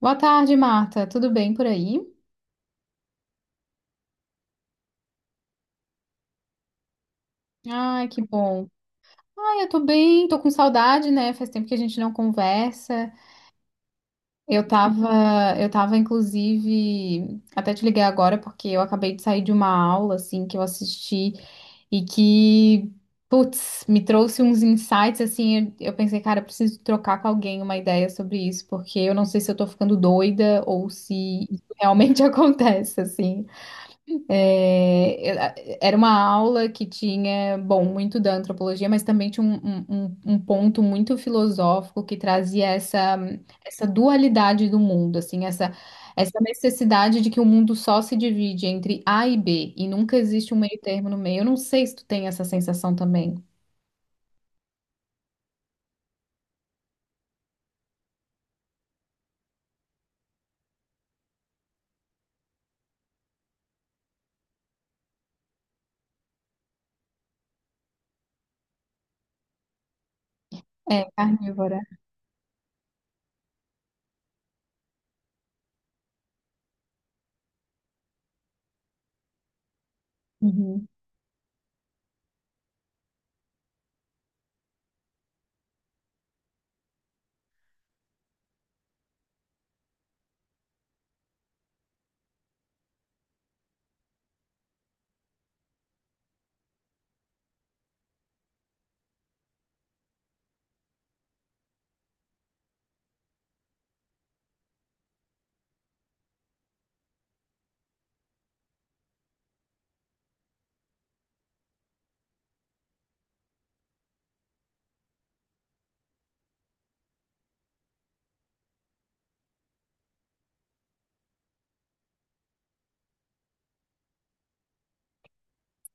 Boa tarde, Marta. Tudo bem por aí? Ai, que bom. Ai, eu tô bem, tô com saudade, né? Faz tempo que a gente não conversa. Eu tava, inclusive, até te liguei agora porque eu acabei de sair de uma aula, assim, que eu assisti e que, putz, me trouxe uns insights, assim, eu pensei, cara, eu preciso trocar com alguém uma ideia sobre isso, porque eu não sei se eu tô ficando doida ou se isso realmente acontece, assim. É, era uma aula que tinha, bom, muito da antropologia, mas também tinha um ponto muito filosófico que trazia essa dualidade do mundo, assim, essa necessidade de que o mundo só se divide entre A e B e nunca existe um meio termo no meio. Eu não sei se tu tem essa sensação também. É, carnívora. Uhum.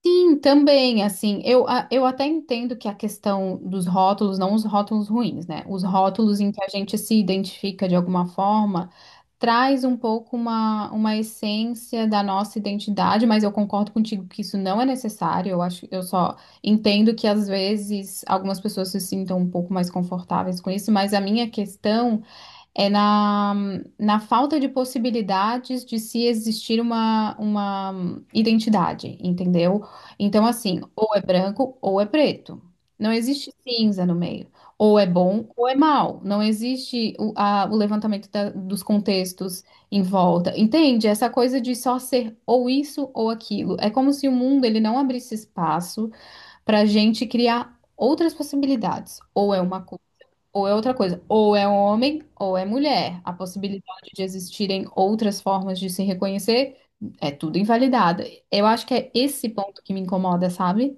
Sim, também, assim, a- eu até entendo que a questão dos rótulos, não os rótulos ruins, né? Os rótulos em que a gente se identifica de alguma forma, traz um pouco uma essência da nossa identidade, mas eu concordo contigo que isso não é necessário, eu acho, eu só entendo que às vezes algumas pessoas se sintam um pouco mais confortáveis com isso, mas a minha questão é na falta de possibilidades de se existir uma identidade, entendeu? Então, assim, ou é branco ou é preto. Não existe cinza no meio. Ou é bom ou é mal. Não existe a- o levantamento da- dos contextos em volta. Entende? Essa coisa de só ser ou isso ou aquilo. É como se o mundo ele não abrisse espaço para a gente criar outras possibilidades. Ou é uma ou é outra coisa, ou é homem ou é mulher. A possibilidade de existirem outras formas de se reconhecer é tudo invalidada. Eu acho que é esse ponto que me incomoda, sabe?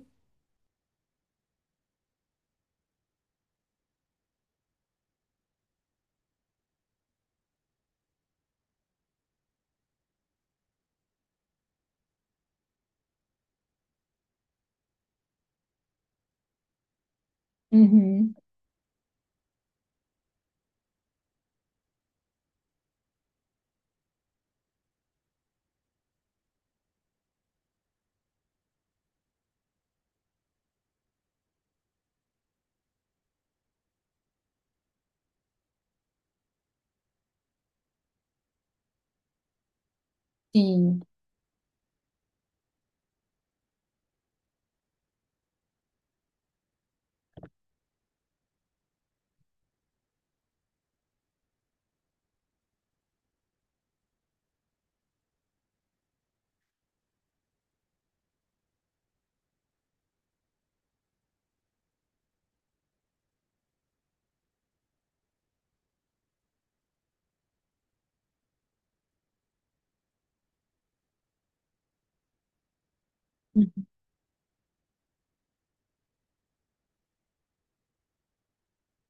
Uhum. Sim.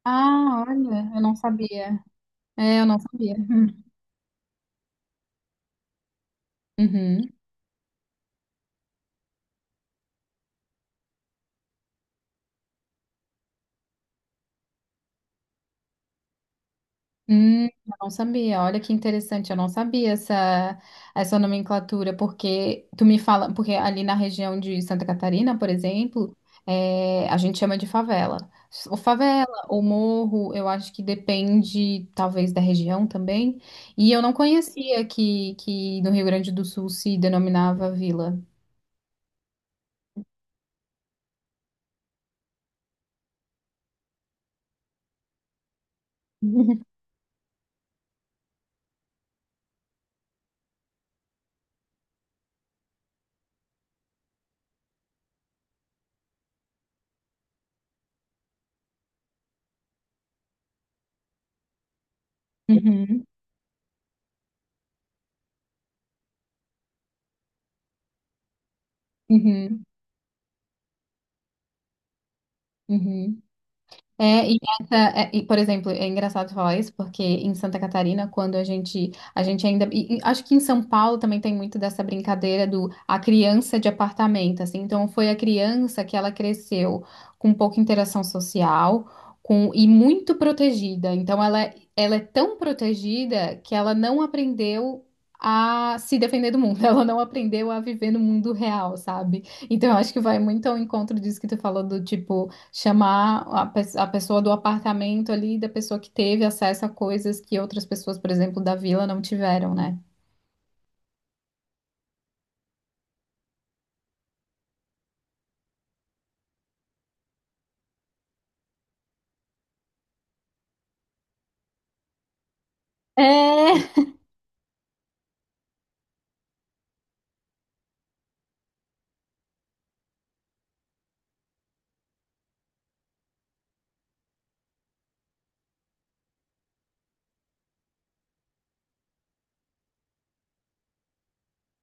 Ah, olha, eu não sabia. É, eu não sabia. Uhum. Eu não sabia. Olha que interessante, eu não sabia essa nomenclatura, porque tu me fala, porque ali na região de Santa Catarina, por exemplo, é, a gente chama de favela. Ou favela, ou morro, eu acho que depende, talvez, da região também. E eu não conhecia que no Rio Grande do Sul se denominava vila. Uhum, uhum, uhum. É, e, essa, por exemplo, é engraçado falar isso, porque em Santa Catarina, quando a gente ainda, e acho que em São Paulo também tem muito dessa brincadeira do a criança de apartamento, assim, então foi a criança que ela cresceu com pouca interação social, com, e muito protegida, então ela é tão protegida que ela não aprendeu a se defender do mundo, ela não aprendeu a viver no mundo real, sabe? Então eu acho que vai muito ao encontro disso que tu falou do tipo, chamar a, pe- a pessoa do apartamento ali, da pessoa que teve acesso a coisas que outras pessoas, por exemplo, da vila não tiveram, né? É.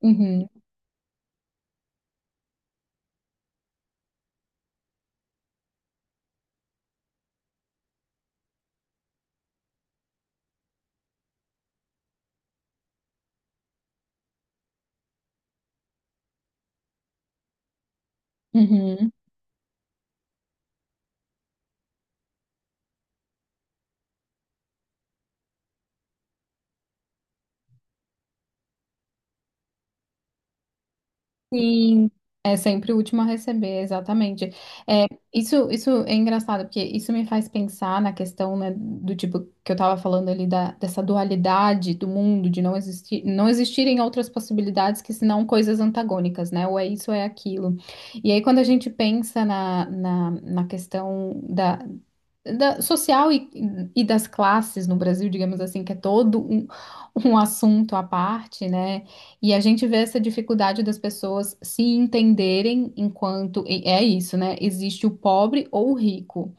Uhum, uhum. Sim, é sempre o último a receber, exatamente. É, isso é engraçado, porque isso me faz pensar na questão, né, do tipo que eu tava falando ali da, dessa dualidade do mundo, de não existir, não existirem outras possibilidades que senão coisas antagônicas, né? Ou é isso ou é aquilo. E aí, quando a gente pensa na questão da social e das classes no Brasil, digamos assim, que é todo um assunto à parte, né? E a gente vê essa dificuldade das pessoas se entenderem enquanto e é isso, né? Existe o pobre ou o rico.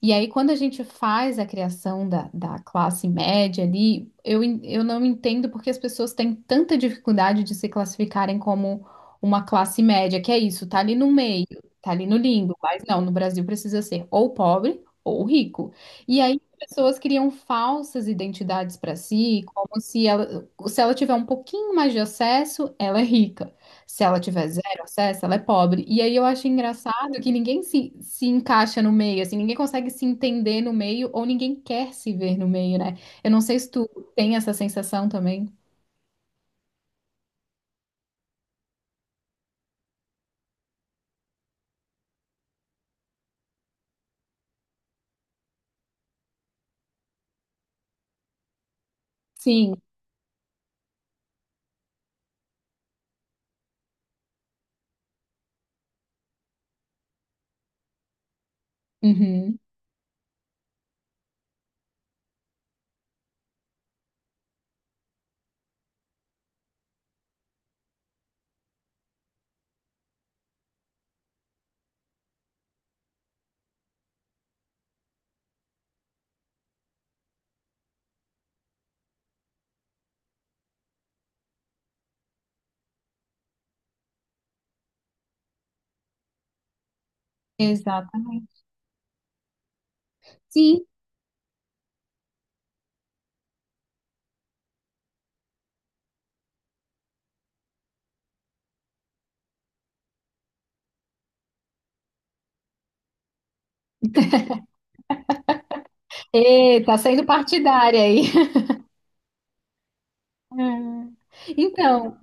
E aí, quando a gente faz a criação da classe média ali, en- eu não entendo porque as pessoas têm tanta dificuldade de se classificarem como uma classe média, que é isso, tá ali no meio, tá ali no limbo, mas não, no Brasil precisa ser ou pobre ou rico. E aí, as pessoas criam falsas identidades para si, como se ela tiver um pouquinho mais de acesso, ela é rica. Se ela tiver zero acesso, ela é pobre. E aí eu acho engraçado que ninguém se encaixa no meio, assim, ninguém consegue se entender no meio ou ninguém quer se ver no meio, né? Eu não sei se tu tem essa sensação também. Sim. Uhum. Exatamente. Sim. Ê, tá sendo partidária aí. É. Então,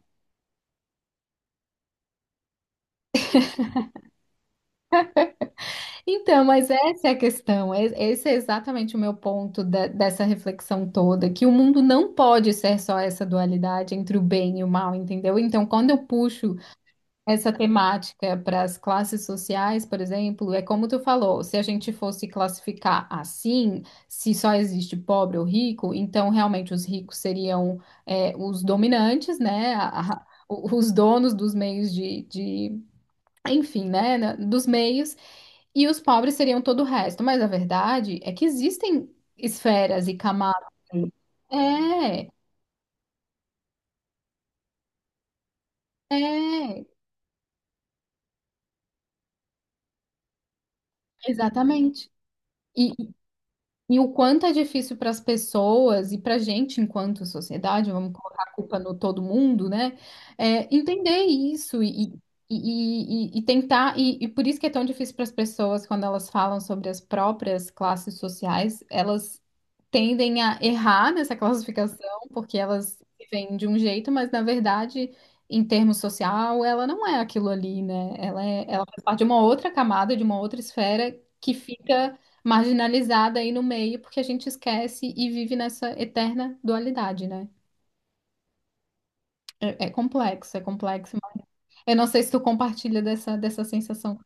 então, mas essa é a questão. E- Esse é exatamente o meu ponto da- dessa reflexão toda, que o mundo não pode ser só essa dualidade entre o bem e o mal, entendeu? Então, quando eu puxo essa temática para as classes sociais, por exemplo, é como tu falou, se a gente fosse classificar assim, se só existe pobre ou rico, então realmente os ricos seriam é, os dominantes, né? A- o- os donos dos meios de enfim, né? na- Dos meios, e os pobres seriam todo o resto. Mas a verdade é que existem esferas e camadas. É, é, exatamente. E o quanto é difícil para as pessoas e para a gente, enquanto sociedade, vamos colocar a culpa no todo mundo, né? É, entender isso e- e tentar. E por isso que é tão difícil para as pessoas, quando elas falam sobre as próprias classes sociais, elas tendem a errar nessa classificação, porque elas vêm de um jeito, mas na verdade, em termos social, ela não é aquilo ali, né? Ela é, ela faz parte de uma outra camada, de uma outra esfera que fica marginalizada aí no meio, porque a gente esquece e vive nessa eterna dualidade, né? É, é complexo, é complexo. Mas eu não sei se tu compartilha dessa, dessa sensação.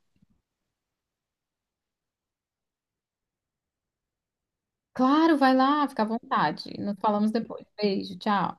Claro, vai lá, fica à vontade. Nos falamos depois. Beijo, tchau.